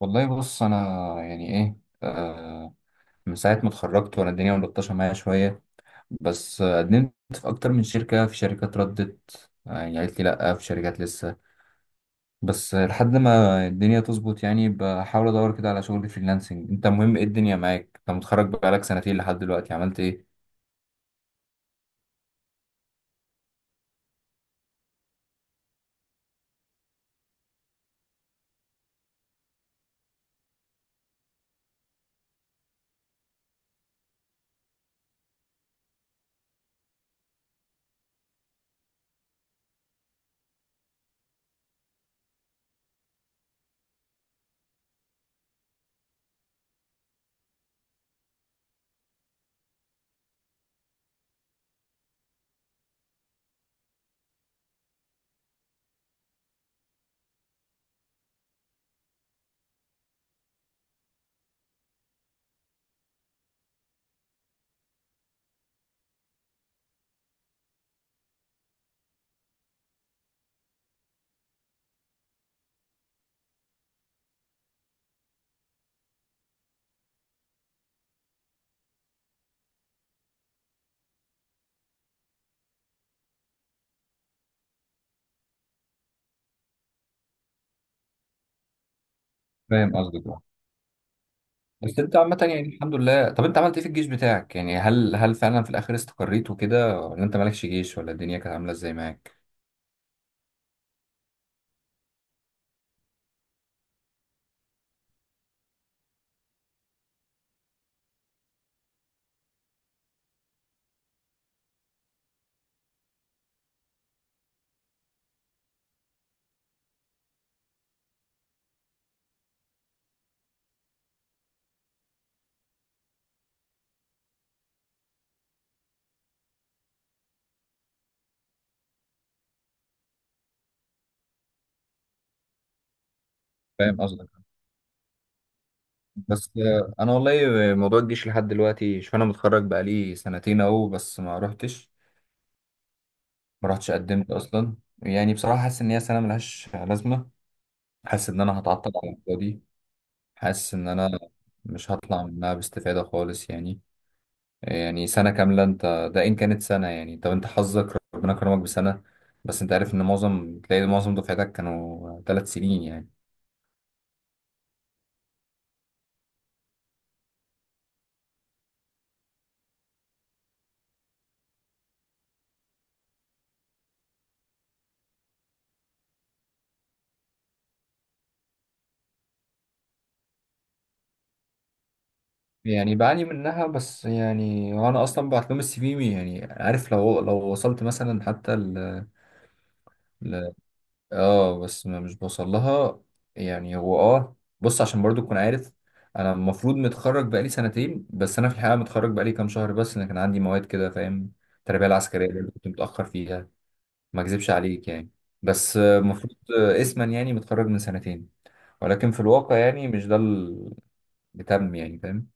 والله بص انا، يعني ايه، آه من ساعه ما اتخرجت وانا الدنيا ملطشه معايا شويه. بس قدمت في اكتر من شركه، في شركات ردت، يعني قالت لي لا، في شركات لسه. بس لحد ما الدنيا تظبط، يعني بحاول ادور كده على شغل فريلانسنج. انت مهم ايه الدنيا معاك؟ انت متخرج بقالك سنتين، لحد دلوقتي عملت ايه؟ فاهم قصدك، آه. بس انت عامه يعني الحمد لله. طب انت عملت ايه في الجيش بتاعك؟ يعني هل فعلا في الاخر استقريت وكده، ولا انت مالكش جيش، ولا الدنيا كانت عامله ازاي معاك؟ فاهم قصدك. بس انا والله موضوع الجيش لحد دلوقتي، شوف، انا متخرج بقالي سنتين اهو، بس ما رحتش. ما رحتش، قدمت اصلا. يعني بصراحه حاسس ان هي سنه ملهاش لازمه. حاسس ان انا هتعطل على الفاضي. حاسس ان انا مش هطلع منها باستفاده خالص، يعني. يعني سنه كامله، انت ده ان كانت سنه، يعني. طب انت حظك ربنا كرمك بسنه. بس انت عارف ان معظم، تلاقي معظم دفعتك كانوا 3 سنين، يعني. يعني بعاني منها، بس يعني انا اصلا بعت لهم السي في، يعني عارف، لو وصلت مثلا حتى ل... اه بس ما مش بوصل لها. يعني هو، بص، عشان برضو تكون عارف. انا المفروض متخرج بقالي سنتين، بس انا في الحقيقه متخرج بقالي كام شهر. بس انا كان عندي مواد كده، فاهم. التربيه العسكريه برضو كنت متاخر فيها، ما اكذبش عليك يعني. بس المفروض اسما يعني متخرج من سنتين، ولكن في الواقع يعني مش ده اللي تم، يعني، فاهم.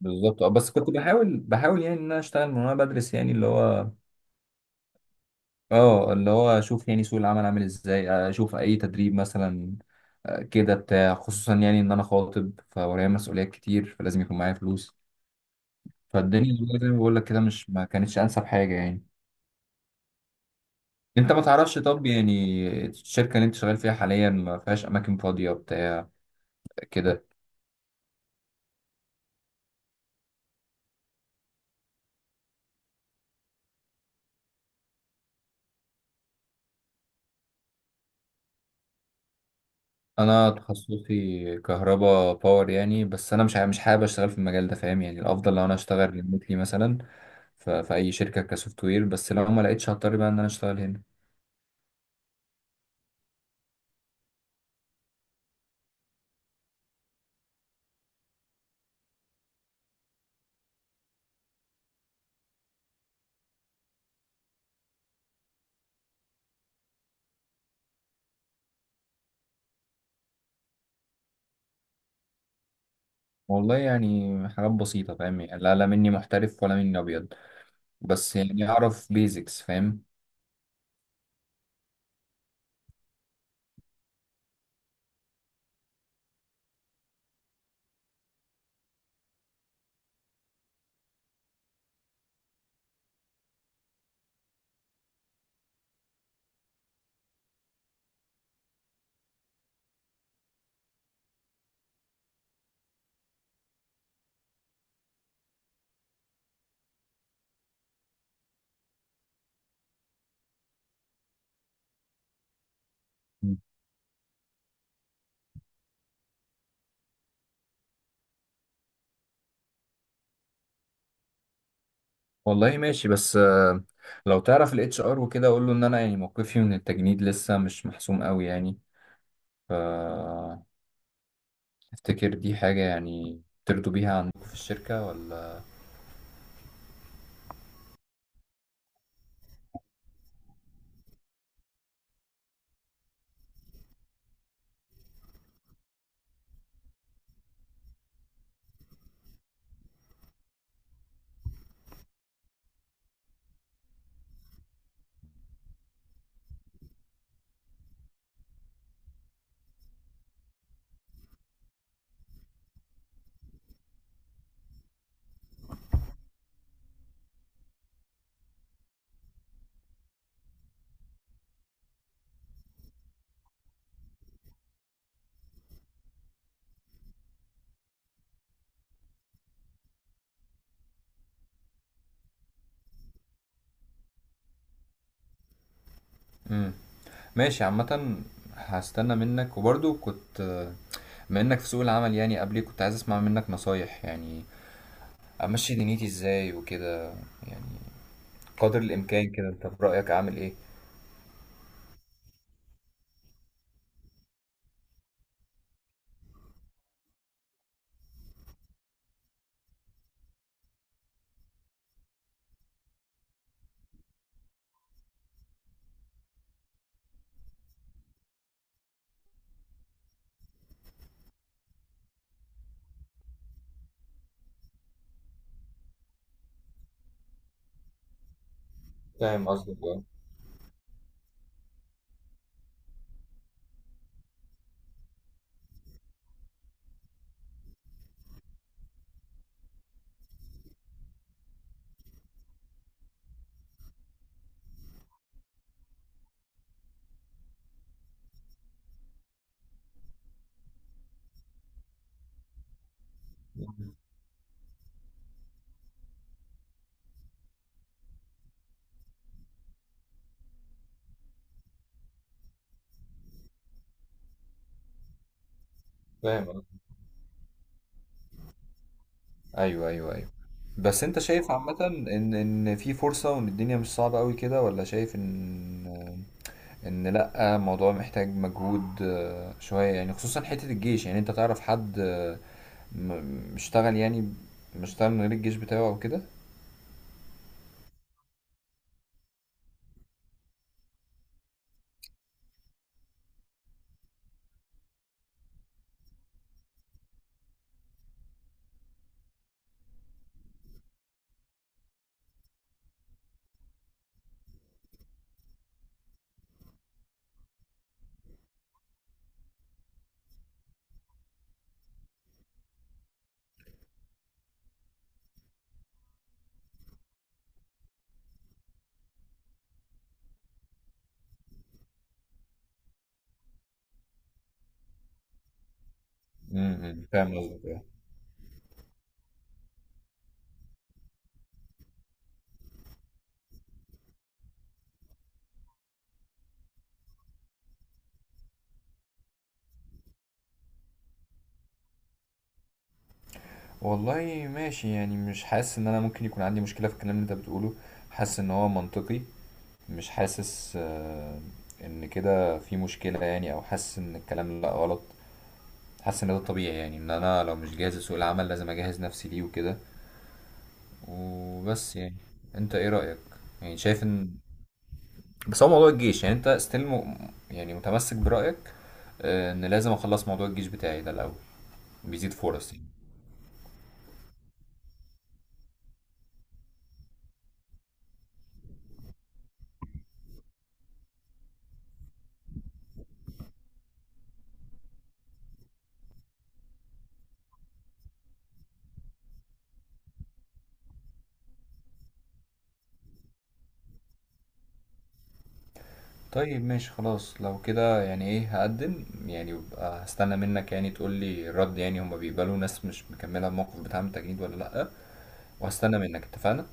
بالظبط. اه بس كنت بحاول يعني ان انا اشتغل من وانا بدرس، يعني اللي هو، اه اللي هو اشوف يعني سوق العمل عامل ازاي، اشوف اي تدريب مثلا كده بتاع. خصوصا يعني ان انا خاطب، فورايا مسؤوليات كتير، فلازم يكون معايا فلوس. فالدنيا والله زي ما بقول لك كده، مش ما كانتش انسب حاجه، يعني. انت ما تعرفش، طب يعني الشركه اللي انت شغال فيها حاليا ما فيهاش اماكن فاضيه، بتاع كده؟ انا تخصصي كهرباء باور، يعني. بس انا مش حابب اشتغل في المجال ده، فاهم يعني. الافضل لو انا اشتغل ريموتلي مثلا في اي شركه كسوفت وير. بس لو ما لقيتش، هضطر بقى ان انا اشتغل هنا. والله يعني حاجات بسيطه، فاهم يعني، لا، لا مني محترف ولا مني ابيض. بس يعني اعرف بيزكس، فاهم. مم. والله ماشي. بس لو تعرف الـ HR وكده، اقول له ان انا يعني موقفي من التجنيد لسه مش محسوم قوي، يعني. ف افتكر دي حاجه يعني ترضوا بيها عندكم في الشركه، ولا؟ مم. ماشي عامة. هستنى منك. وبرضو كنت، بما انك في سوق العمل يعني قبلي، كنت عايز اسمع منك نصايح، يعني امشي دنيتي ازاي وكده، قدر الامكان كده. انت في رأيك اعمل ايه؟ فاهم قصدك، اه. فاهم قصدك. ايوه، ايوه، ايوه. بس انت شايف عامة ان في فرصة وان الدنيا مش صعبة قوي كده، ولا شايف ان ان لا، الموضوع محتاج مجهود شوية، يعني خصوصا حتة الجيش. يعني انت تعرف حد اشتغل يعني، مش اشتغل من غير الجيش بتاعه او كده؟ فاهم قصدك، آه. والله ماشي. يعني مش حاسس ان انا ممكن يكون عندي مشكلة في الكلام اللي انت بتقوله. حاسس ان هو منطقي. مش حاسس ان كده في مشكلة، يعني، او حاسس ان الكلام لا غلط. حاسس ان ده طبيعي، يعني ان انا لو مش جاهز لسوق العمل لازم اجهز نفسي ليه وكده، وبس يعني. انت ايه رأيك؟ يعني شايف ان، بس هو موضوع الجيش، يعني انت ستيل يعني متمسك برأيك ان لازم اخلص موضوع الجيش بتاعي ده الاول، بيزيد فرص. طيب ماشي، خلاص لو كده. يعني ايه، هقدم يعني، وابقى هستنى منك يعني تقول لي الرد، يعني هما بيقبلوا ناس مش مكملة الموقف بتاع التجنيد ولا لأ؟ وهستنى منك، اتفقنا.